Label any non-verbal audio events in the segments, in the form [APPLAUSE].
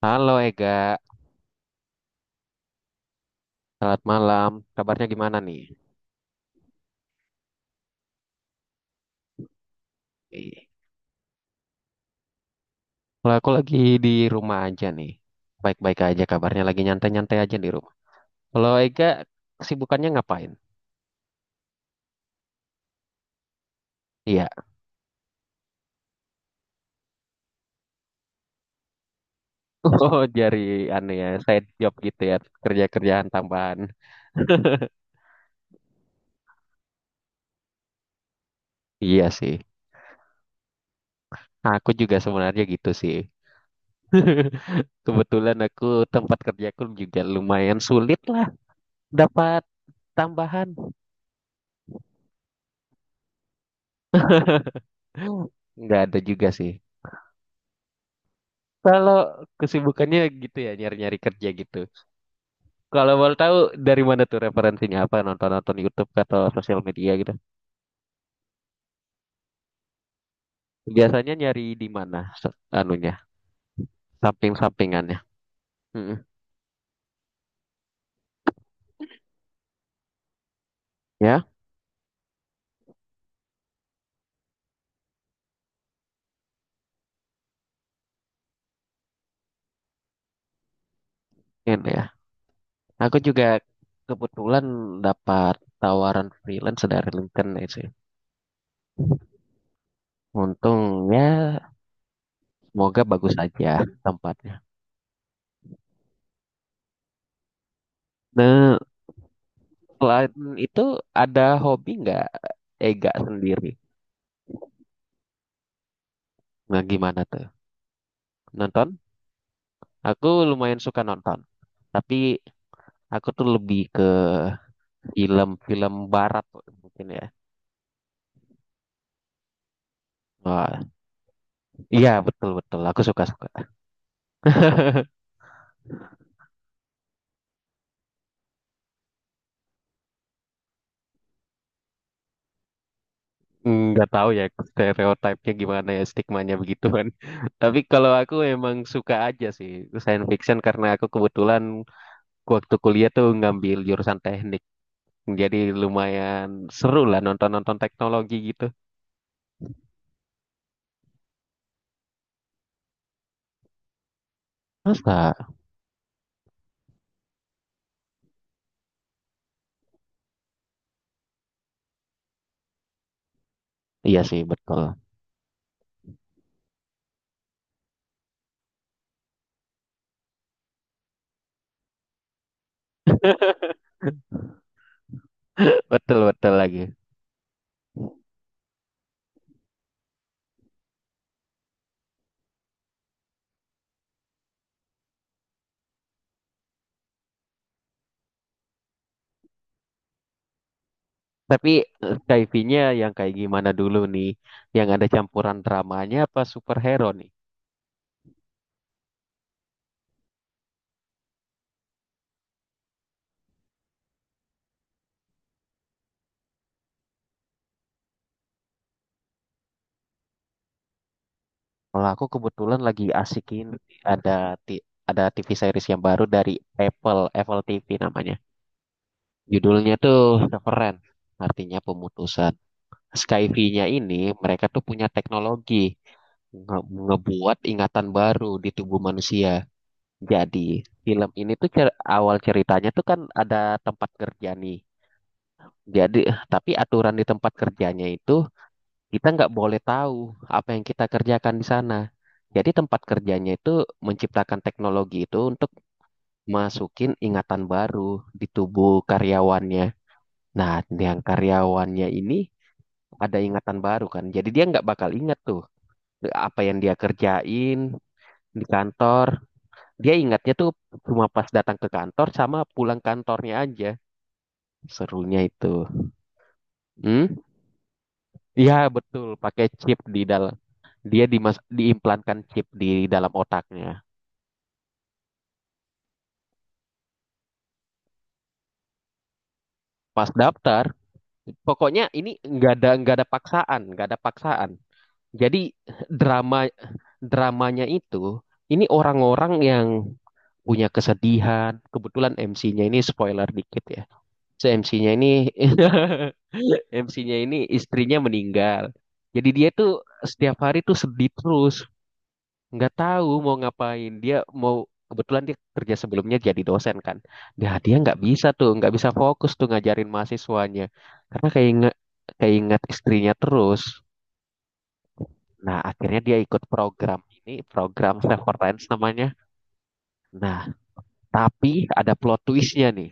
Halo Ega, selamat malam. Kabarnya gimana nih? Ih, kalau aku lagi di rumah aja nih. Baik-baik aja kabarnya, lagi nyantai-nyantai aja di rumah. Kalau Ega, kesibukannya ngapain? Iya. [LAUGHS] Oh, jadi aneh ya, side job gitu ya, kerja-kerjaan tambahan. Iya sih. Aku juga sebenarnya gitu sih. [LAUGHS] Kebetulan aku tempat kerjaku juga lumayan sulit lah dapat tambahan. [LAUGHS] Nggak ada juga sih. Kalau kesibukannya gitu ya, nyari-nyari kerja gitu. Kalau mau tahu dari mana tuh referensinya apa nonton-nonton YouTube atau sosial media gitu. Biasanya nyari di mana anunya, samping-sampingannya. Mm-mm. Ya, ini ya. Aku juga kebetulan dapat tawaran freelance dari LinkedIn ya sih. Untung ya, semoga bagus aja tempatnya. Nah, selain itu ada hobi nggak Ega sendiri? Nah, gimana tuh? Nonton? Aku lumayan suka nonton. Tapi aku tuh lebih ke film-film barat mungkin ya. Wah, iya betul betul. Aku suka suka. [LAUGHS] Nggak tahu ya stereotipnya gimana ya stigmanya begitu kan. [LAUGHS] Tapi kalau aku emang suka aja sih science fiction karena aku kebetulan waktu kuliah tuh ngambil jurusan teknik. Jadi lumayan seru lah nonton-nonton teknologi gitu. Masa? Iya sih betul. Betul betul lagi. Tapi sci-fi-nya yang kayak gimana dulu nih? Yang ada campuran dramanya apa superhero nih? Kalau aku kebetulan lagi asikin ada ti- ada TV series yang baru dari Apple TV namanya. Judulnya tuh Severance, artinya pemutusan. Skyview-nya ini mereka tuh punya teknologi ngebuat ingatan baru di tubuh manusia. Jadi film ini tuh awal ceritanya tuh kan ada tempat kerja nih. Jadi tapi aturan di tempat kerjanya itu kita nggak boleh tahu apa yang kita kerjakan di sana. Jadi tempat kerjanya itu menciptakan teknologi itu untuk masukin ingatan baru di tubuh karyawannya. Nah, yang karyawannya ini ada ingatan baru kan. Jadi dia nggak bakal ingat tuh apa yang dia kerjain di kantor. Dia ingatnya tuh cuma pas datang ke kantor sama pulang kantornya aja. Serunya itu. Hmm? Ya, betul. Pakai chip di dalam. Dia diimplankan chip di dalam otaknya. Pas daftar pokoknya ini nggak ada paksaan nggak ada paksaan, jadi drama dramanya itu ini orang-orang yang punya kesedihan, kebetulan MC-nya ini spoiler dikit ya, so MC-nya ini [LAUGHS] MC-nya ini istrinya meninggal. Jadi dia tuh setiap hari tuh sedih terus, nggak tahu mau ngapain dia mau. Kebetulan dia kerja sebelumnya jadi dosen kan, nah dia nggak bisa fokus tuh ngajarin mahasiswanya karena keinget keinget istrinya terus. Nah akhirnya dia ikut program ini, program Severance namanya. Nah tapi ada plot twistnya nih,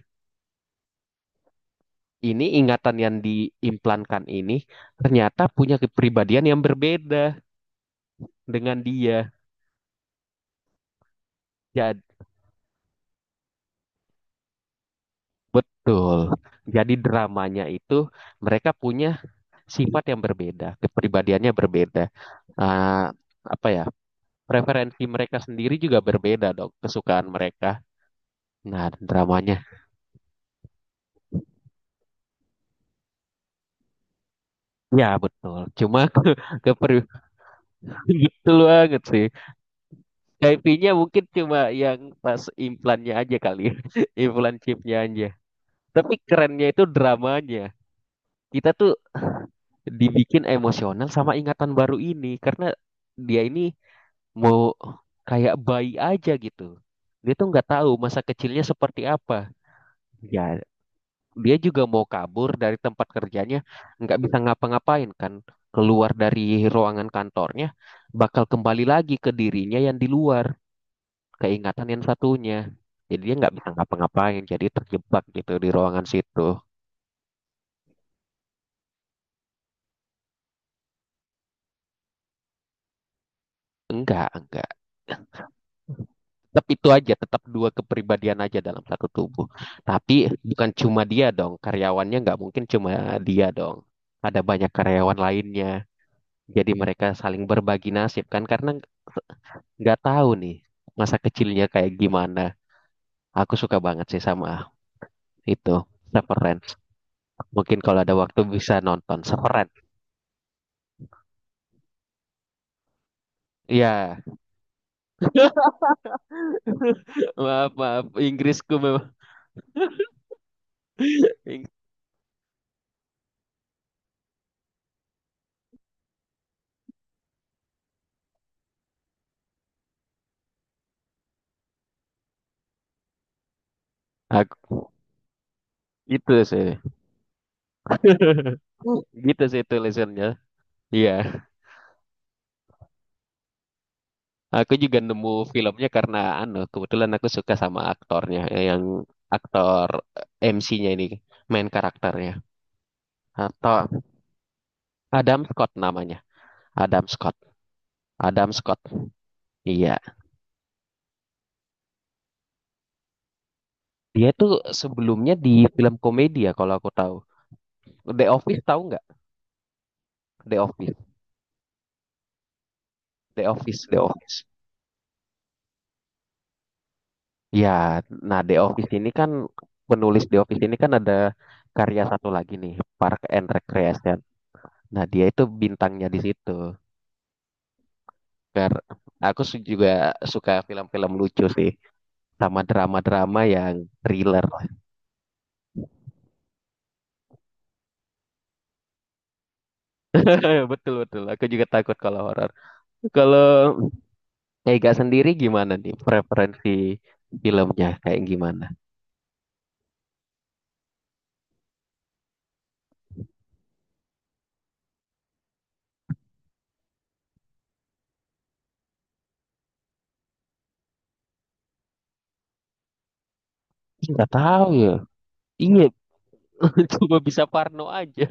ini ingatan yang diimplankan ini ternyata punya kepribadian yang berbeda dengan dia. Jadi betul, jadi dramanya itu mereka punya sifat yang berbeda, kepribadiannya berbeda. Ah, apa ya? Preferensi mereka sendiri juga berbeda dong, kesukaan mereka. Nah, dramanya. Ya, betul. Cuma [LAUGHS] ke per- [LAUGHS] gitu banget sih. IP-nya mungkin cuma yang pas implannya aja kali. [LAUGHS] ya. Implan chipnya aja. Tapi kerennya itu dramanya. Kita tuh dibikin emosional sama ingatan baru ini karena dia ini mau kayak bayi aja gitu. Dia tuh nggak tahu masa kecilnya seperti apa. Ya, dia juga mau kabur dari tempat kerjanya, nggak bisa ngapa-ngapain kan. Keluar dari ruangan kantornya, bakal kembali lagi ke dirinya yang di luar, keingatan yang satunya. Jadi dia nggak bisa ngapa-ngapain, jadi terjebak gitu di ruangan situ. Enggak, enggak. Tetap itu aja, tetap dua kepribadian aja dalam satu tubuh. Tapi bukan cuma dia dong, karyawannya nggak mungkin cuma dia dong. Ada banyak karyawan lainnya. Jadi mereka saling berbagi nasib kan karena nggak tahu nih masa kecilnya kayak gimana. Aku suka banget sih sama itu. Severance. Mungkin kalau ada waktu bisa nonton Severance. Ya, maaf maaf Inggrisku memang. Ing- Aku itu sih. Gitu sih tulisannya. Iya. Aku juga nemu filmnya karena anu, kebetulan aku suka sama aktornya, yang aktor MC-nya ini main karakternya atau Adam Scott namanya. Adam Scott, Adam Scott, iya. Dia tuh sebelumnya di film komedi ya kalau aku tahu, The Office tahu nggak, The Office, The Office, The Office ya. Nah The Office ini kan, penulis The Office ini kan ada karya satu lagi nih, Park and Recreation. Nah dia itu bintangnya di situ. Kar- juga suka film-film lucu sih, sama drama-drama yang thriller. [LAUGHS] Betul betul. Aku juga takut kalau horor. Kalau Ega sendiri gimana nih preferensi filmnya kayak gimana? Nggak tahu ya. Iya, [LAUGHS] cuma bisa Parno aja.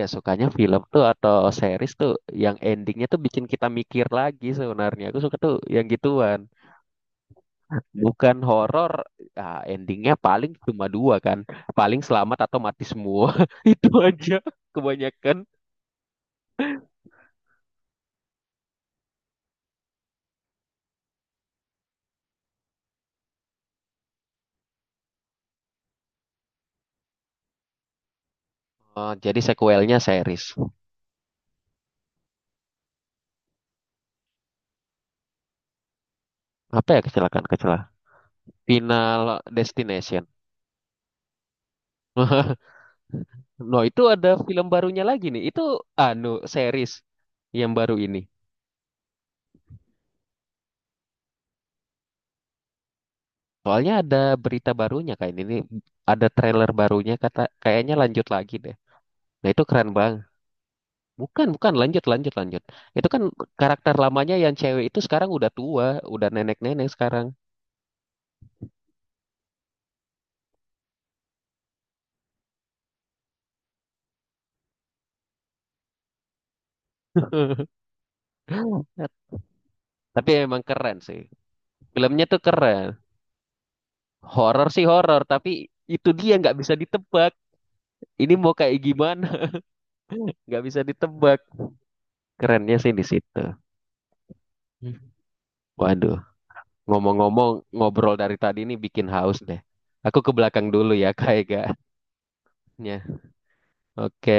Ya sukanya film tuh atau series tuh yang endingnya tuh bikin kita mikir lagi sebenarnya. Aku suka tuh yang gituan. Bukan horor, ah, endingnya paling cuma dua kan. Paling selamat atau mati semua. [LAUGHS] Itu aja kebanyakan. Jadi sequelnya series. Apa ya, kecelakaan kecelakaan? Final Destination. [LAUGHS] No, itu ada film barunya lagi nih. Itu anu series yang baru ini. Soalnya ada berita barunya kayak ini. Ada trailer barunya kata kayaknya lanjut lagi deh. Nah, itu keren banget. Bukan, bukan. Lanjut, lanjut, lanjut. Itu kan karakter lamanya yang cewek itu sekarang udah tua, udah nenek-nenek sekarang. [LAUGHS] Tapi emang keren sih. Filmnya tuh keren. Horor sih horor, tapi itu dia nggak bisa ditebak. Ini mau kayak gimana? [LAUGHS] Nggak bisa ditebak. Kerennya sih di situ. Hmm. Waduh, ngomong-ngomong ngobrol dari tadi ini bikin haus deh. Aku ke belakang dulu ya, [LAUGHS] kayaknya. Oke,